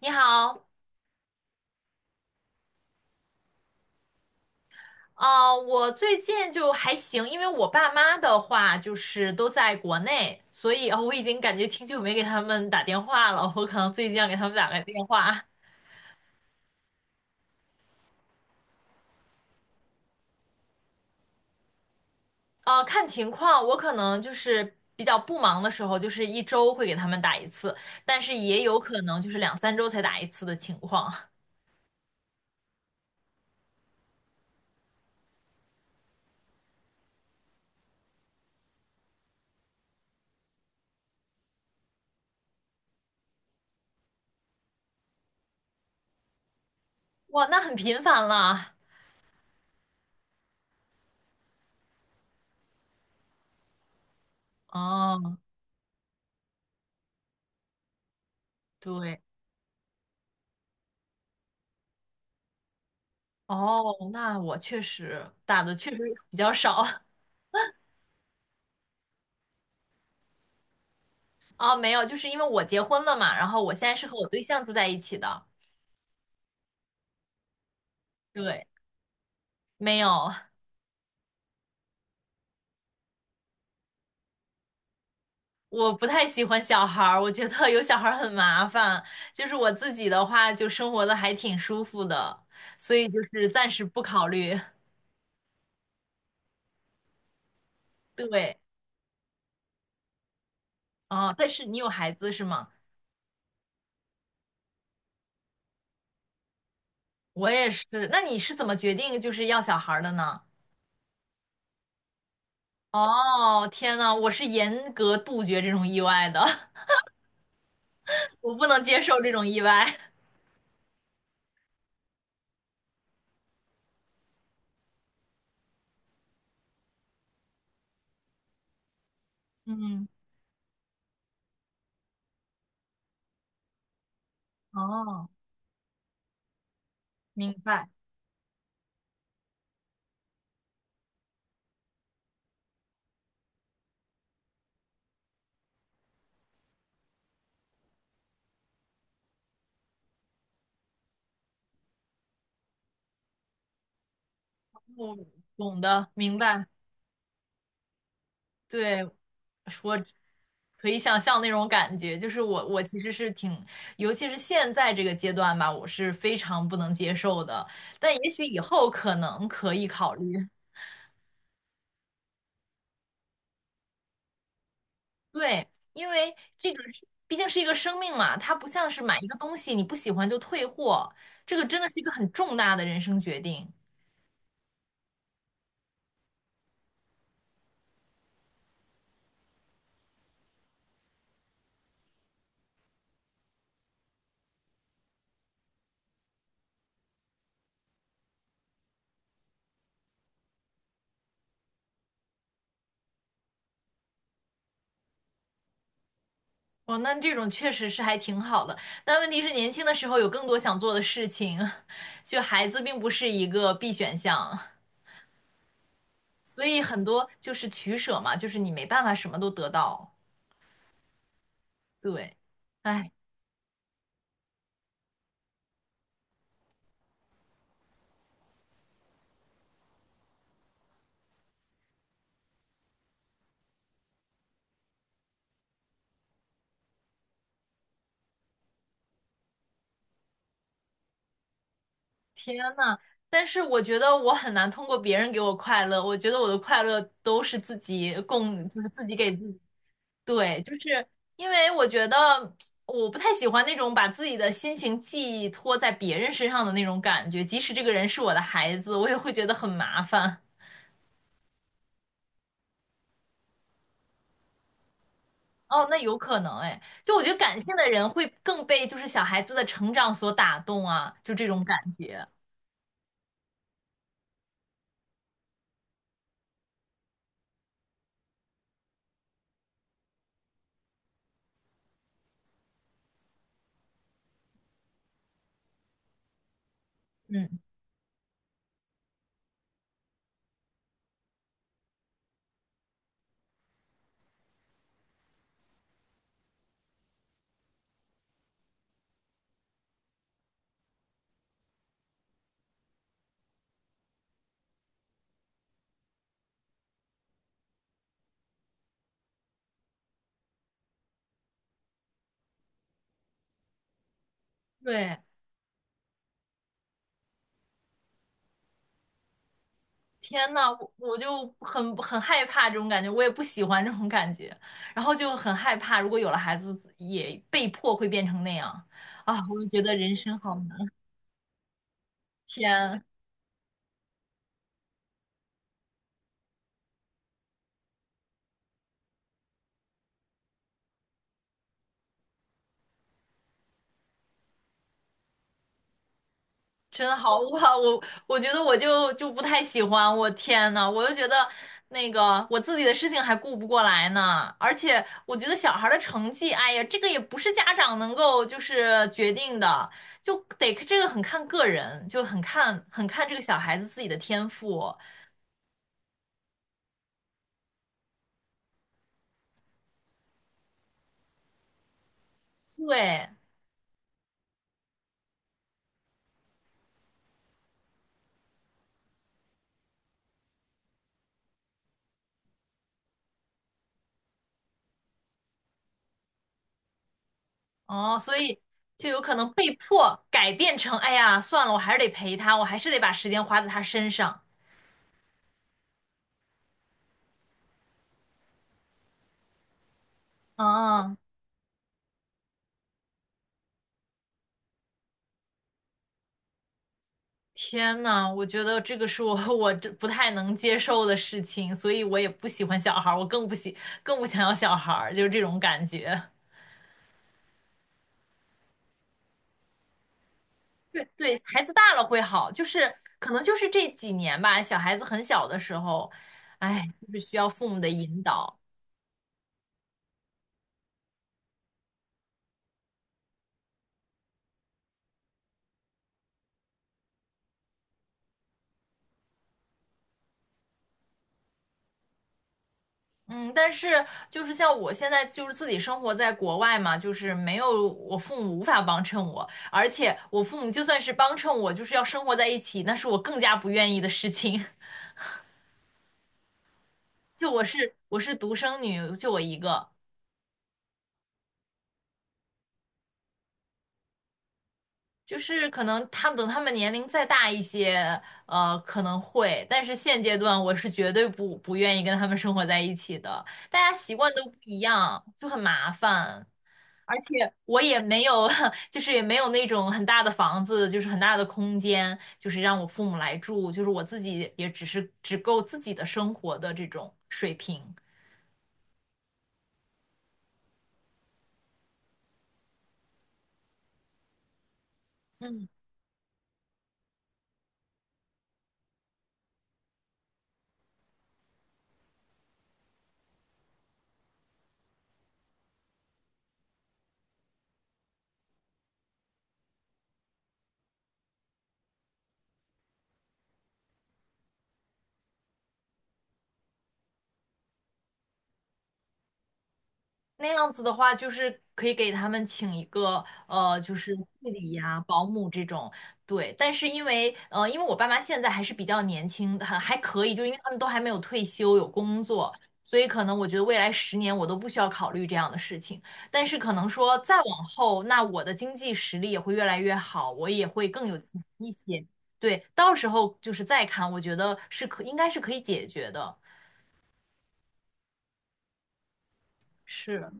你好。我最近就还行，因为我爸妈的话就是都在国内，所以我已经感觉挺久没给他们打电话了，我可能最近要给他们打个电话。看情况，我可能就是比较不忙的时候，就是一周会给他们打一次，但是也有可能就是两三周才打一次的情况。哇，那很频繁了。哦。对。哦，那我确实打的确实比较少。哦，没有，就是因为我结婚了嘛，然后我现在是和我对象住在一起的。对，没有。我不太喜欢小孩儿，我觉得有小孩儿很麻烦。就是我自己的话，就生活的还挺舒服的，所以就是暂时不考虑。对。哦，但是你有孩子是吗？我也是。那你是怎么决定就是要小孩儿的呢？哦，天呐，我是严格杜绝这种意外的。我不能接受这种意外。嗯。哦，明白。我懂的，明白。对，我可以想象那种感觉，就是我其实是挺，尤其是现在这个阶段吧，我是非常不能接受的。但也许以后可能可以考虑。对，因为这个是毕竟是一个生命嘛，它不像是买一个东西你不喜欢就退货，这个真的是一个很重大的人生决定。哦，那这种确实是还挺好的，但问题是年轻的时候有更多想做的事情。就孩子并不是一个必选项，所以很多就是取舍嘛，就是你没办法什么都得到。对。哎，天呐，但是我觉得我很难通过别人给我快乐，我觉得我的快乐都是自己供，就是自己给自己。对，就是因为我觉得我不太喜欢那种把自己的心情寄托在别人身上的那种感觉，即使这个人是我的孩子，我也会觉得很麻烦。哦，那有可能哎，就我觉得感性的人会更被就是小孩子的成长所打动啊，就这种感觉。嗯。对，天呐，我就很害怕这种感觉，我也不喜欢这种感觉，然后就很害怕，如果有了孩子，也被迫会变成那样。啊，我就觉得人生好难。天。真的好哇！我觉得我就不太喜欢，我天呐，我就觉得那个我自己的事情还顾不过来呢，而且我觉得小孩儿的成绩，哎呀，这个也不是家长能够就是决定的，就得这个很看个人，就很看这个小孩子自己的天赋。对。哦，所以就有可能被迫改变成，哎呀，算了，我还是得陪他，我还是得把时间花在他身上。嗯。天呐，我觉得这个是我 我这不太能接受的事情，所以我也不喜欢小孩儿，我更不喜更不想要小孩儿，就是这种感觉。对，对，孩子大了会好，就是可能就是这几年吧，小孩子很小的时候，哎，就是需要父母的引导。嗯，但是就是像我现在就是自己生活在国外嘛，就是没有我父母无法帮衬我，而且我父母就算是帮衬我，就是要生活在一起，那是我更加不愿意的事情。就我是我是独生女，就我一个，就是可能他们等他们年龄再大一些，可能会，但是现阶段我是绝对不愿意跟他们生活在一起的，大家习惯都不一样，就很麻烦，而且我也没有，就是也没有那种很大的房子，就是很大的空间，就是让我父母来住，就是我自己也只是只够自己的生活的这种水平。嗯。那样子的话，就是可以给他们请一个就是护理呀、保姆这种。对，但是因为因为我爸妈现在还是比较年轻，还可以，就因为他们都还没有退休，有工作，所以可能我觉得未来10年我都不需要考虑这样的事情。但是可能说再往后，那我的经济实力也会越来越好，我也会更有钱一些。对，到时候就是再看，我觉得是应该是可以解决的。是。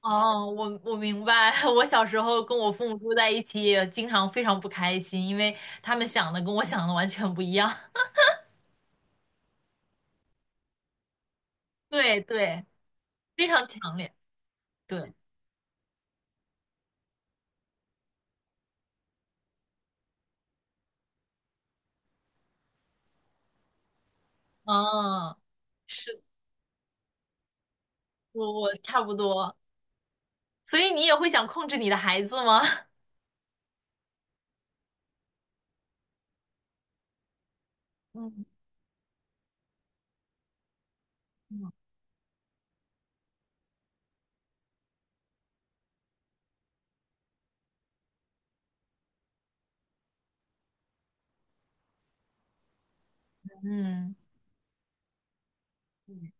哦，我我明白。我小时候跟我父母住在一起，也经常非常不开心，因为他们想的跟我想的完全不一样。对对，非常强烈。对。嗯。是，我我差不多。所以你也会想控制你的孩子吗？嗯嗯嗯，嗯。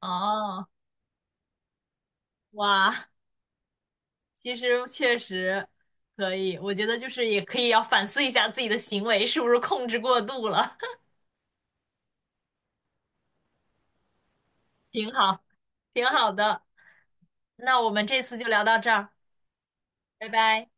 哦。哇，其实确实可以。我觉得就是也可以要反思一下自己的行为是不是控制过度了。挺好，挺好的。那我们这次就聊到这儿，拜拜。